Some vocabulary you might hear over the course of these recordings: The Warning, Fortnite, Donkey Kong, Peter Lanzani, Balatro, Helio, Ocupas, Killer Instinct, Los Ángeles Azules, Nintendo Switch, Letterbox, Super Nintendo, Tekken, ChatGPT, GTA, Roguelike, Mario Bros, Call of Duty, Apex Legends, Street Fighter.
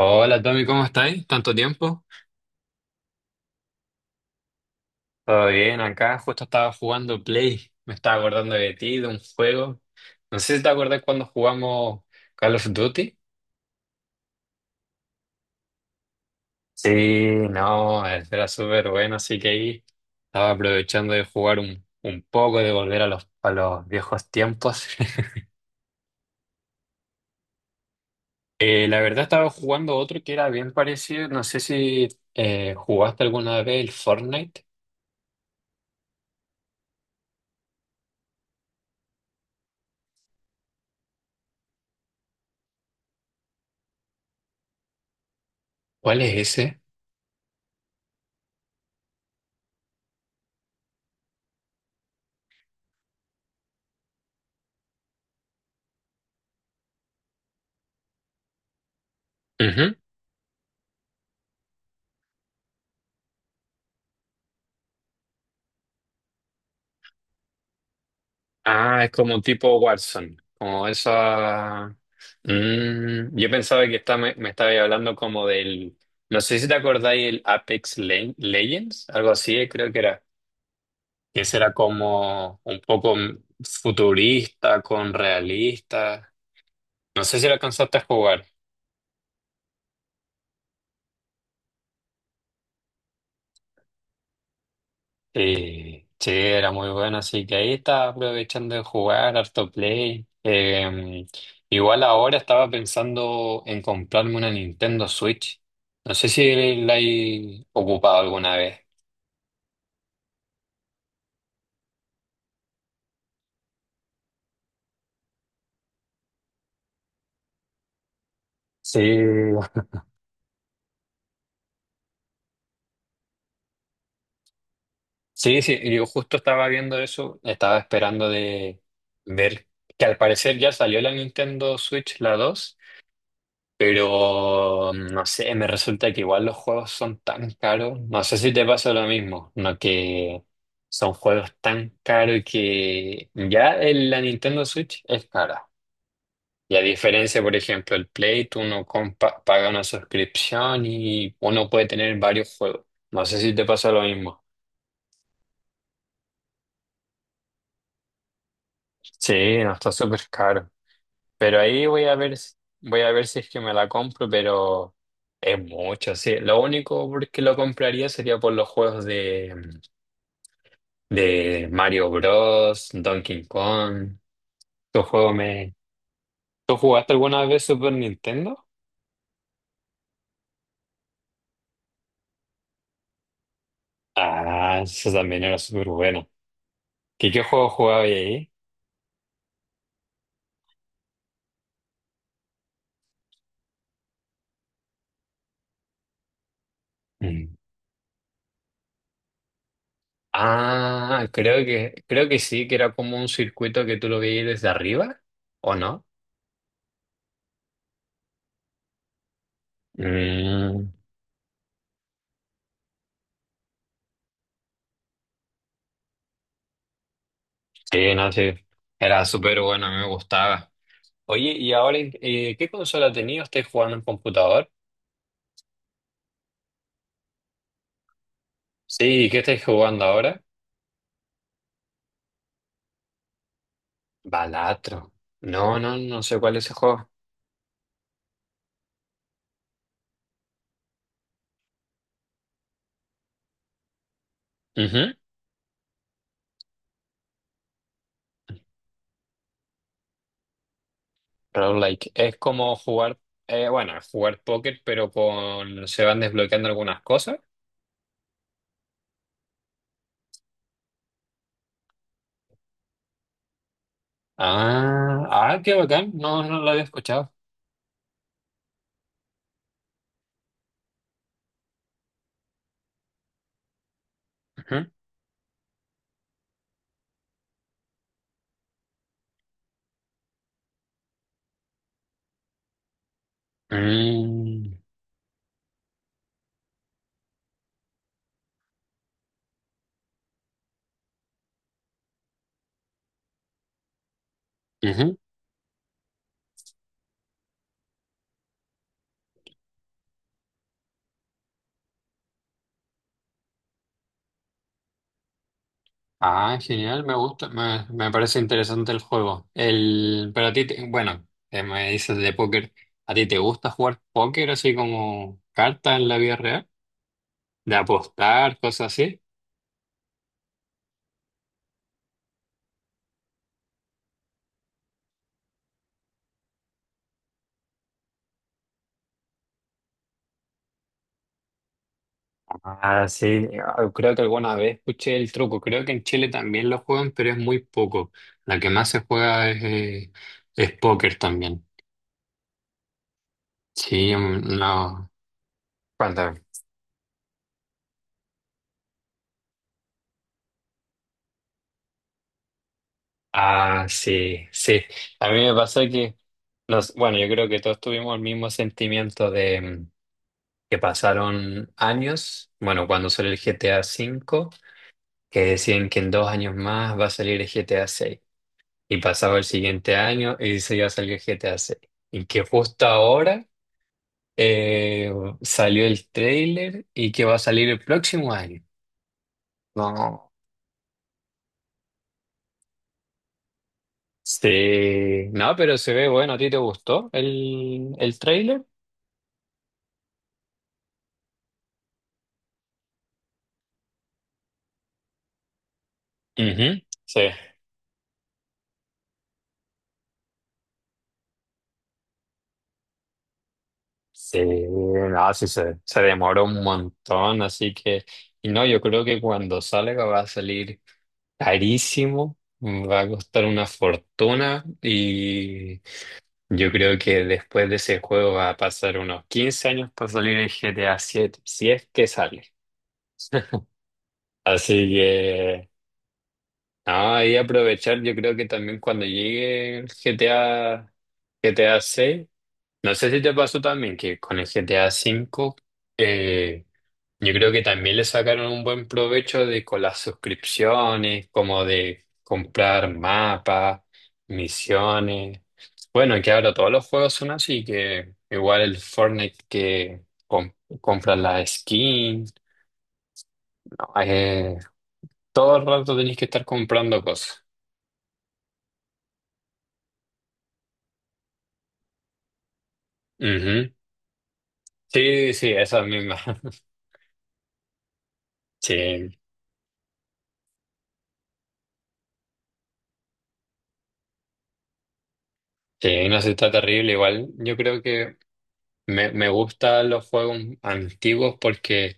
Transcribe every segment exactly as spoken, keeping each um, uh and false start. Hola Tommy, ¿cómo estáis? ¿Tanto tiempo? Todo bien, acá justo estaba jugando Play. Me estaba acordando de ti, de un juego. No sé si te acuerdas cuando jugamos Call of Duty. Sí, no, era súper bueno, así que ahí estaba aprovechando de jugar un, un poco, de volver a los, a los viejos tiempos. Eh, la verdad estaba jugando otro que era bien parecido. No sé si eh, jugaste alguna vez el Fortnite. ¿Cuál es ese? Ah, es como un tipo Watson, como esa. Mm, yo pensaba que está, me, me estaba hablando como del. No sé si te acordáis el Apex Le- Legends, algo así, eh, creo que era. Que ese era como un poco futurista, con realista. No sé si lo alcanzaste a jugar. Sí, sí, era muy bueno, así que ahí estaba aprovechando de jugar, harto play. Eh, igual ahora estaba pensando en comprarme una Nintendo Switch. No sé si la he ocupado alguna vez. Sí, sí, sí, yo justo estaba viendo eso, estaba esperando de ver que al parecer ya salió la Nintendo Switch, la dos. Pero mm, no sé, me resulta que igual los juegos son tan caros. No sé si te pasa lo mismo, no que son juegos tan caros que ya el- la Nintendo Switch es cara. Y a diferencia, por ejemplo, el Play, tú uno compa- paga una suscripción y uno puede tener varios juegos. No sé si te pasa lo mismo. Sí, no está súper caro. Pero ahí voy a ver, si- voy a ver si es que me la compro, pero es mucho, sí. Lo único por que lo compraría sería por los juegos de, de Mario Bros, Donkey Kong. ¿Tu juego me... ¿Tú jugaste alguna vez Super Nintendo? Ah, eso también era súper bueno. ¿Qué, qué juego jugaba ahí? Mm. Ah, creo que, creo que sí, que era como un circuito que tú lo veías desde arriba, ¿o no? Mm, sí, no, sí. Era súper bueno, a mí me gustaba. Oye, ¿y ahora en- eh, qué consola tenías? ¿Estás jugando en computador? Sí, ¿qué estás jugando ahora? Balatro. No, no, no sé cuál es ese juego. Ujú. Roguelike. Es como jugar, eh, bueno, es jugar póker, pero con se van desbloqueando algunas cosas. Ah, ah, qué bacán. No, no lo había escuchado. Ujú. Mm, ujú. Ah, genial, me gusta, me, me parece interesante el juego. El, pero a ti, te- bueno, eh, me dices de póker, ¿a ti te gusta jugar póker así como cartas en la vida real? ¿De apostar, cosas así? Ah, sí, ah, creo que alguna vez escuché el truco, creo que en Chile también lo juegan, pero es muy poco. La que más se juega es, eh, es póker también. Sí, mm, no. Ah, sí, sí. A mí me pasó que, nos, bueno, yo creo que todos tuvimos el mismo sentimiento de mm, que pasaron años, bueno, cuando salió el G T A cinco que decían que en dos años más va a salir el G T A seis. Y pasaba el siguiente año y se iba a salir el G T A seis. Y que justo ahora eh, salió el trailer y que va a salir el próximo año. No. Sí, no, pero se ve bueno. ¿A ti te gustó el, el trailer? Ujú. Sí, sí, no, sí se, se demora un montón, así que, y no, yo creo que cuando salga va a salir carísimo, va a costar una fortuna y yo creo que después de ese juego va a pasar unos quince años para salir el G T A siete si es que sale. Así que, no, ahí aprovechar, yo creo que también cuando llegue el G T A, G T A seis. No sé si te pasó también que con el G T A cinco eh, yo creo que también le sacaron un buen provecho de con las suscripciones, como de comprar mapas, misiones. Bueno, que ahora todos los juegos son así, que igual el Fortnite que com- compras la skin, no, eh, todo el rato tenés que estar comprando cosas. Ujú. Sí, sí, esas mismas. Sí, sí, no sé, está terrible igual. Yo creo que Me, me gustan los juegos antiguos porque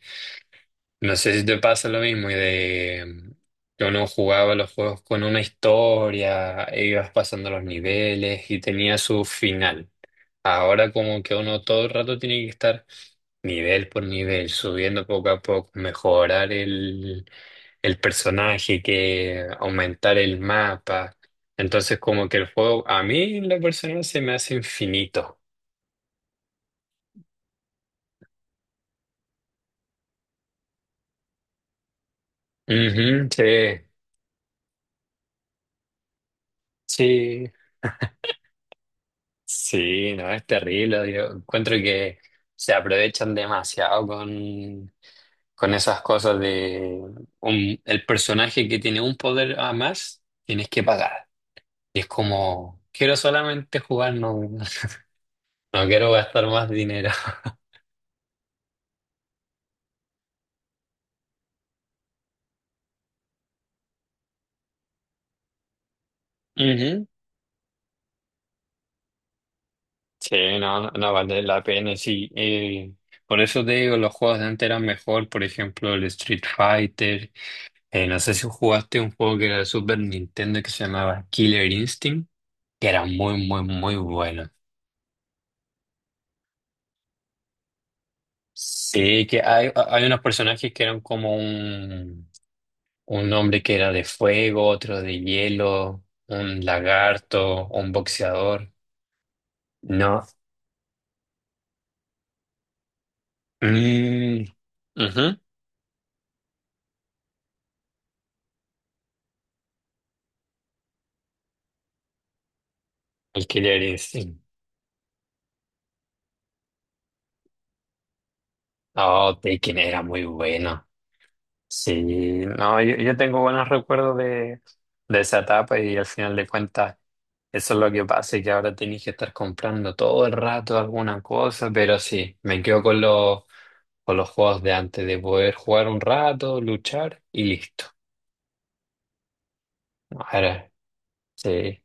no sé si te pasa lo mismo y de que uno jugaba los juegos con una historia, e ibas pasando los niveles y tenía su final. Ahora como que uno todo el rato tiene que estar nivel por nivel, subiendo poco a poco, mejorar el, el personaje, que aumentar el mapa. Entonces como que el juego a mí en la persona se me hace infinito. Ujú, sí. Sí, sí, no, es terrible. Yo encuentro que se aprovechan demasiado con, con esas cosas de un- el personaje que tiene un poder a más, tienes que pagar. Y es como, quiero solamente jugar, no, no quiero gastar más dinero. Ujú. Sí, no, no, no vale la pena, sí. Eh, por eso te digo, los juegos de antes eran mejor, por ejemplo, el Street Fighter. Eh, no sé si jugaste un juego que era de Super Nintendo que se llamaba Killer Instinct, que era muy, muy, muy bueno. Sí, que hay, hay unos personajes que eran como un, un hombre que era de fuego, otro de hielo, un lagarto, un boxeador. No. Mm, ujú. El Killer Instinct. Oh, Tekken era muy bueno. Sí, no, yo, yo tengo buenos recuerdos de, de esa etapa y al final de cuentas. Eso es lo que pasa, y que ahora tenéis que estar comprando todo el rato alguna cosa, pero sí, me quedo con los, con los juegos de antes, de poder jugar un rato, luchar y listo. Ahora, sí.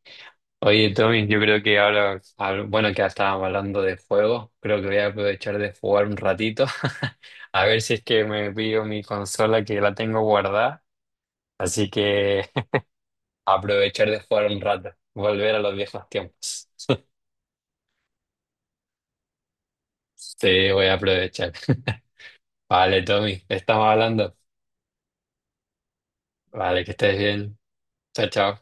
Oye, Tommy, yo creo que ahora, ah, bueno, que ya estábamos hablando de juegos, creo que voy a aprovechar de jugar un ratito, a ver si es que me pillo mi consola que la tengo guardada, así que aprovechar de jugar un rato, volver a los viejos tiempos. Sí, voy a aprovechar. Vale, Tommy, estamos hablando. Vale, que estés bien. Chao, chao.